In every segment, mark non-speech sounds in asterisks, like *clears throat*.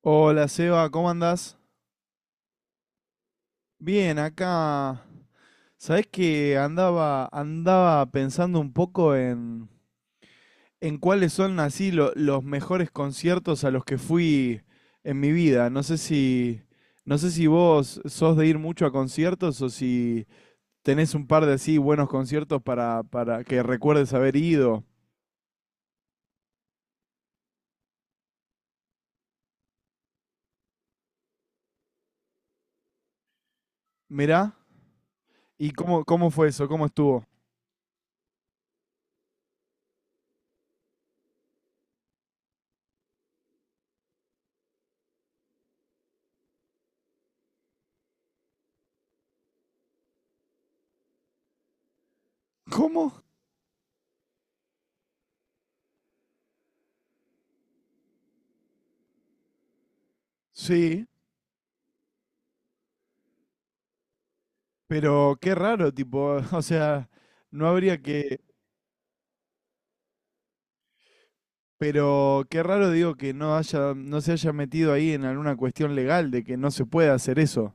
Hola Seba, ¿cómo andás? Bien, acá. Sabés que andaba pensando un poco en cuáles son así los mejores conciertos a los que fui en mi vida. No sé si vos sos de ir mucho a conciertos o si tenés un par de así buenos conciertos para que recuerdes haber ido. Mirá, ¿y cómo fue eso? ¿Cómo estuvo? ¿Cómo? Sí, pero qué raro, tipo, *laughs* o sea, no habría que. Pero qué raro digo que no se haya metido ahí en alguna cuestión legal de que no se puede hacer eso.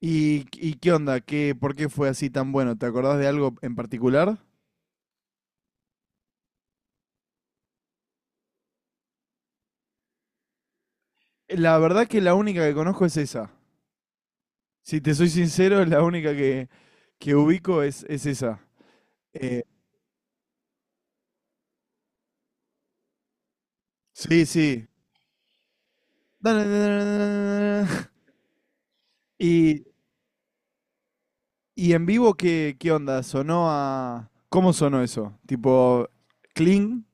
Y qué onda? ¿Qué, por qué fue así tan bueno? ¿Te acordás de algo en particular? La verdad que la única que conozco es esa. Si te soy sincero, que ubico es esa. Eh, sí, sí. *laughs* Y, y en vivo, ¿qué, qué onda? ¿Cómo sonó eso? Tipo, clean.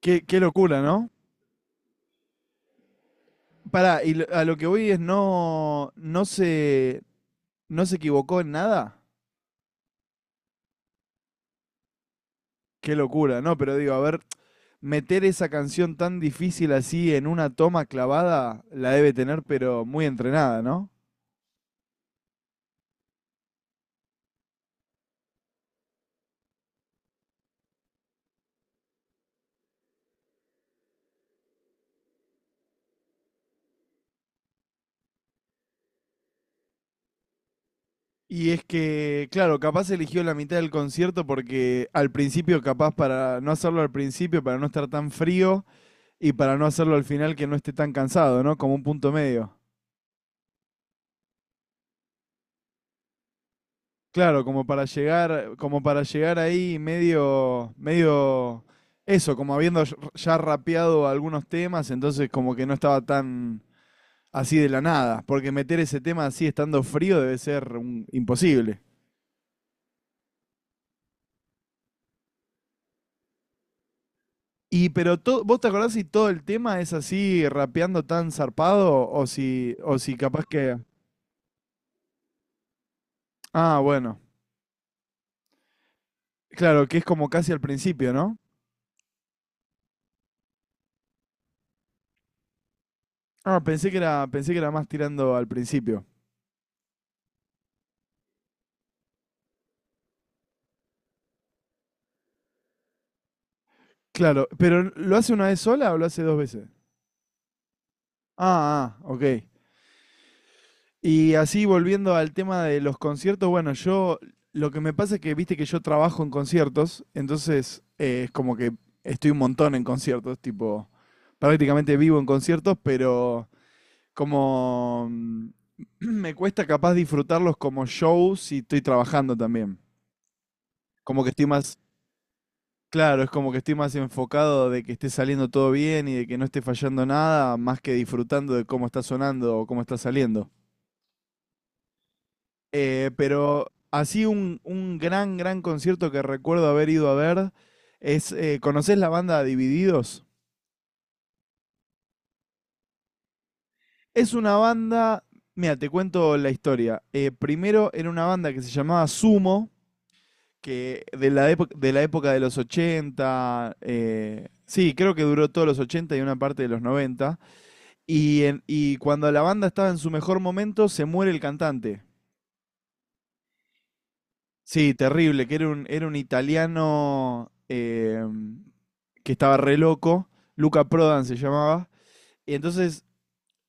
Qué, qué locura, ¿no? Pará, y a lo que voy es no se equivocó en nada. Qué locura, no, pero digo, a ver, meter esa canción tan difícil así en una toma clavada, la debe tener, pero muy entrenada, ¿no? Y es que, claro, capaz eligió la mitad del concierto porque al principio, capaz para no hacerlo al principio, para no estar tan frío y para no hacerlo al final que no esté tan cansado, ¿no? Como un punto medio. Claro, como para llegar ahí medio eso, como habiendo ya rapeado algunos temas, entonces como que no estaba tan así de la nada, porque meter ese tema así estando frío debe ser imposible. Y pero ¿vos te acordás si todo el tema es así rapeando tan zarpado o si capaz que Ah, bueno. Claro, que es como casi al principio, ¿no? Ah, pensé que era más tirando al principio. Claro, pero ¿lo hace una vez sola o lo hace dos veces? Ah, ah, ok. Y así volviendo al tema de los conciertos, bueno, yo lo que me pasa es que viste que yo trabajo en conciertos, entonces es como que estoy un montón en conciertos, tipo, prácticamente vivo en conciertos, pero como *clears throat* me cuesta capaz disfrutarlos como show si estoy trabajando también. Como que estoy más, claro, es como que estoy más enfocado de que esté saliendo todo bien y de que no esté fallando nada, más que disfrutando de cómo está sonando o cómo está saliendo. Pero así un gran, gran concierto que recuerdo haber ido a ver es, ¿conocés la banda Divididos? Es una banda, mira, te cuento la historia. Primero era una banda que se llamaba Sumo, que de la época de los 80 sí, creo que duró todos los 80 y una parte de los noventa. Y, y cuando la banda estaba en su mejor momento, se muere el cantante. Sí, terrible, que era era un italiano que estaba re loco, Luca Prodan se llamaba, y entonces,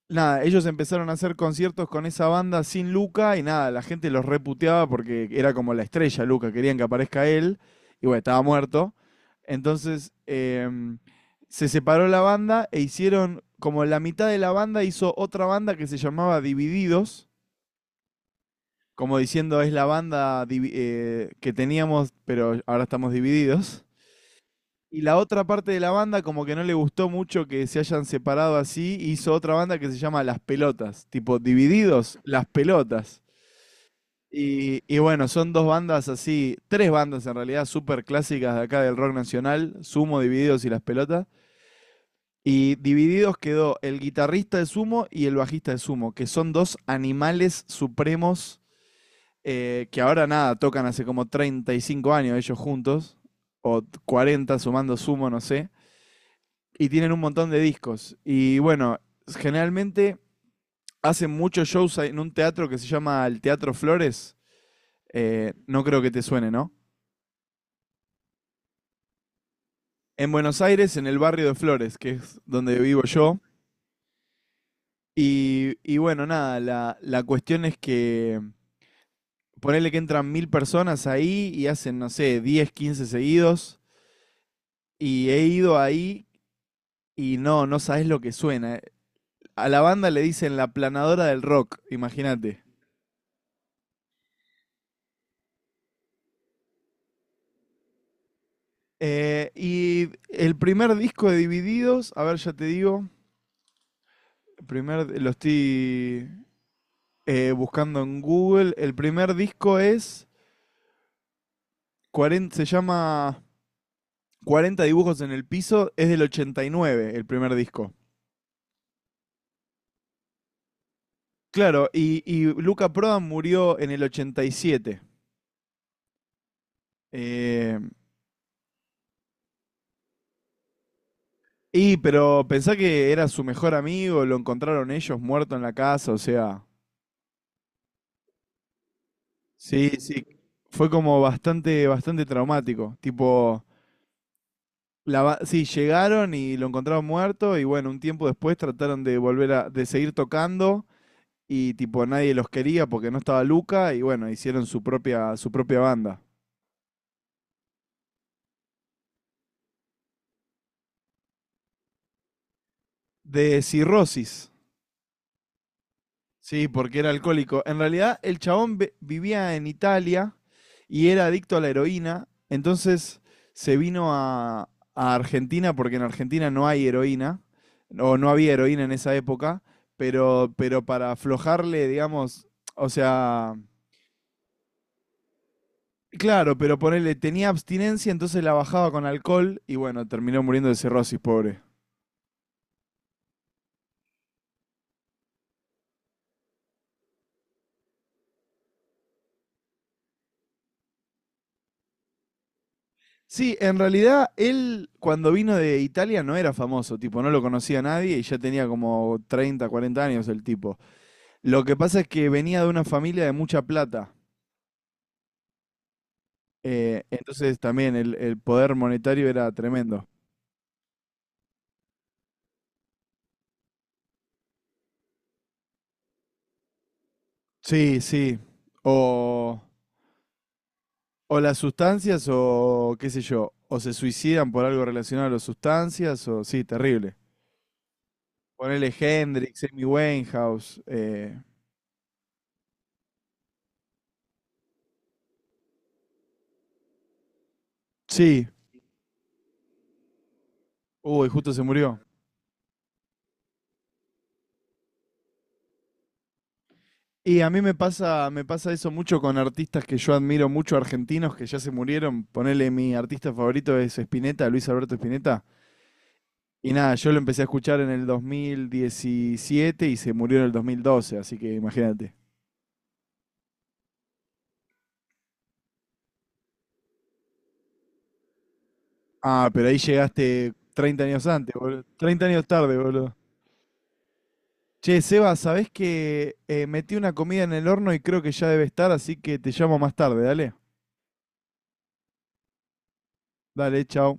nada, ellos empezaron a hacer conciertos con esa banda sin Luca y nada, la gente los reputeaba porque era como la estrella Luca, querían que aparezca él, y bueno, estaba muerto. Entonces, se separó la banda e hicieron, como la mitad de la banda hizo otra banda que se llamaba Divididos, como diciendo, es la banda que teníamos, pero ahora estamos divididos. Y la otra parte de la banda, como que no le gustó mucho que se hayan separado así, hizo otra banda que se llama Las Pelotas. Tipo, divididos, Las Pelotas. Y bueno, son dos bandas así, tres bandas en realidad, súper clásicas de acá del rock nacional, Sumo, Divididos y Las Pelotas. Y divididos quedó el guitarrista de Sumo y el bajista de Sumo, que son dos animales supremos, que ahora nada, tocan hace como 35 años ellos juntos, o 40 sumando sumo, no sé, y tienen un montón de discos. Y bueno, generalmente hacen muchos shows en un teatro que se llama el Teatro Flores, no creo que te suene, ¿no? En Buenos Aires, en el barrio de Flores, que es donde vivo yo. Y bueno, nada, la cuestión es que ponerle que entran 1000 personas ahí y hacen, no sé, 10, 15 seguidos. Y he ido ahí. Y no sabes lo que suena. A la banda le dicen la planadora del rock, imagínate. Y el primer disco de Divididos, a ver, ya te digo, el primer, lo estoy buscando en Google. El primer disco es 40, se llama 40 dibujos en el piso, es del 89 el primer disco. Claro, y Luca Prodan murió en el 87. Eh, pero pensá que era su mejor amigo, lo encontraron ellos muerto en la casa, o sea, sí, sí, fue como bastante, bastante traumático. Tipo, sí, llegaron y lo encontraron muerto y bueno, un tiempo después trataron de volver a, de seguir tocando y tipo nadie los quería porque no estaba Luca y bueno, hicieron su propia banda. De cirrosis. Sí, porque era alcohólico. En realidad, el chabón vivía en Italia y era adicto a la heroína. Entonces se vino a Argentina porque en Argentina no hay heroína, o no había heroína en esa época, pero para aflojarle, digamos, o sea, claro, pero ponerle, tenía abstinencia, entonces la bajaba con alcohol y bueno, terminó muriendo de cirrosis, pobre. Sí, en realidad él cuando vino de Italia no era famoso, tipo, no lo conocía nadie y ya tenía como 30, 40 años el tipo. Lo que pasa es que venía de una familia de mucha plata, entonces también el poder monetario era tremendo. Sí, sí. O, o las sustancias o qué sé yo, o se suicidan por algo relacionado a las sustancias, o sí, terrible. Ponele Hendrix, Amy Winehouse, sí, uy, justo se murió. Y a mí me pasa eso mucho con artistas que yo admiro mucho, argentinos que ya se murieron. Ponele, mi artista favorito es Spinetta, Luis Alberto Spinetta. Y nada, yo lo empecé a escuchar en el 2017 y se murió en el 2012, así que imagínate. Ah, pero ahí llegaste 30 años antes, boludo. 30 años tarde, boludo. Che, Seba, ¿sabés que metí una comida en el horno y creo que ya debe estar, así que te llamo más tarde, dale? Dale, chao.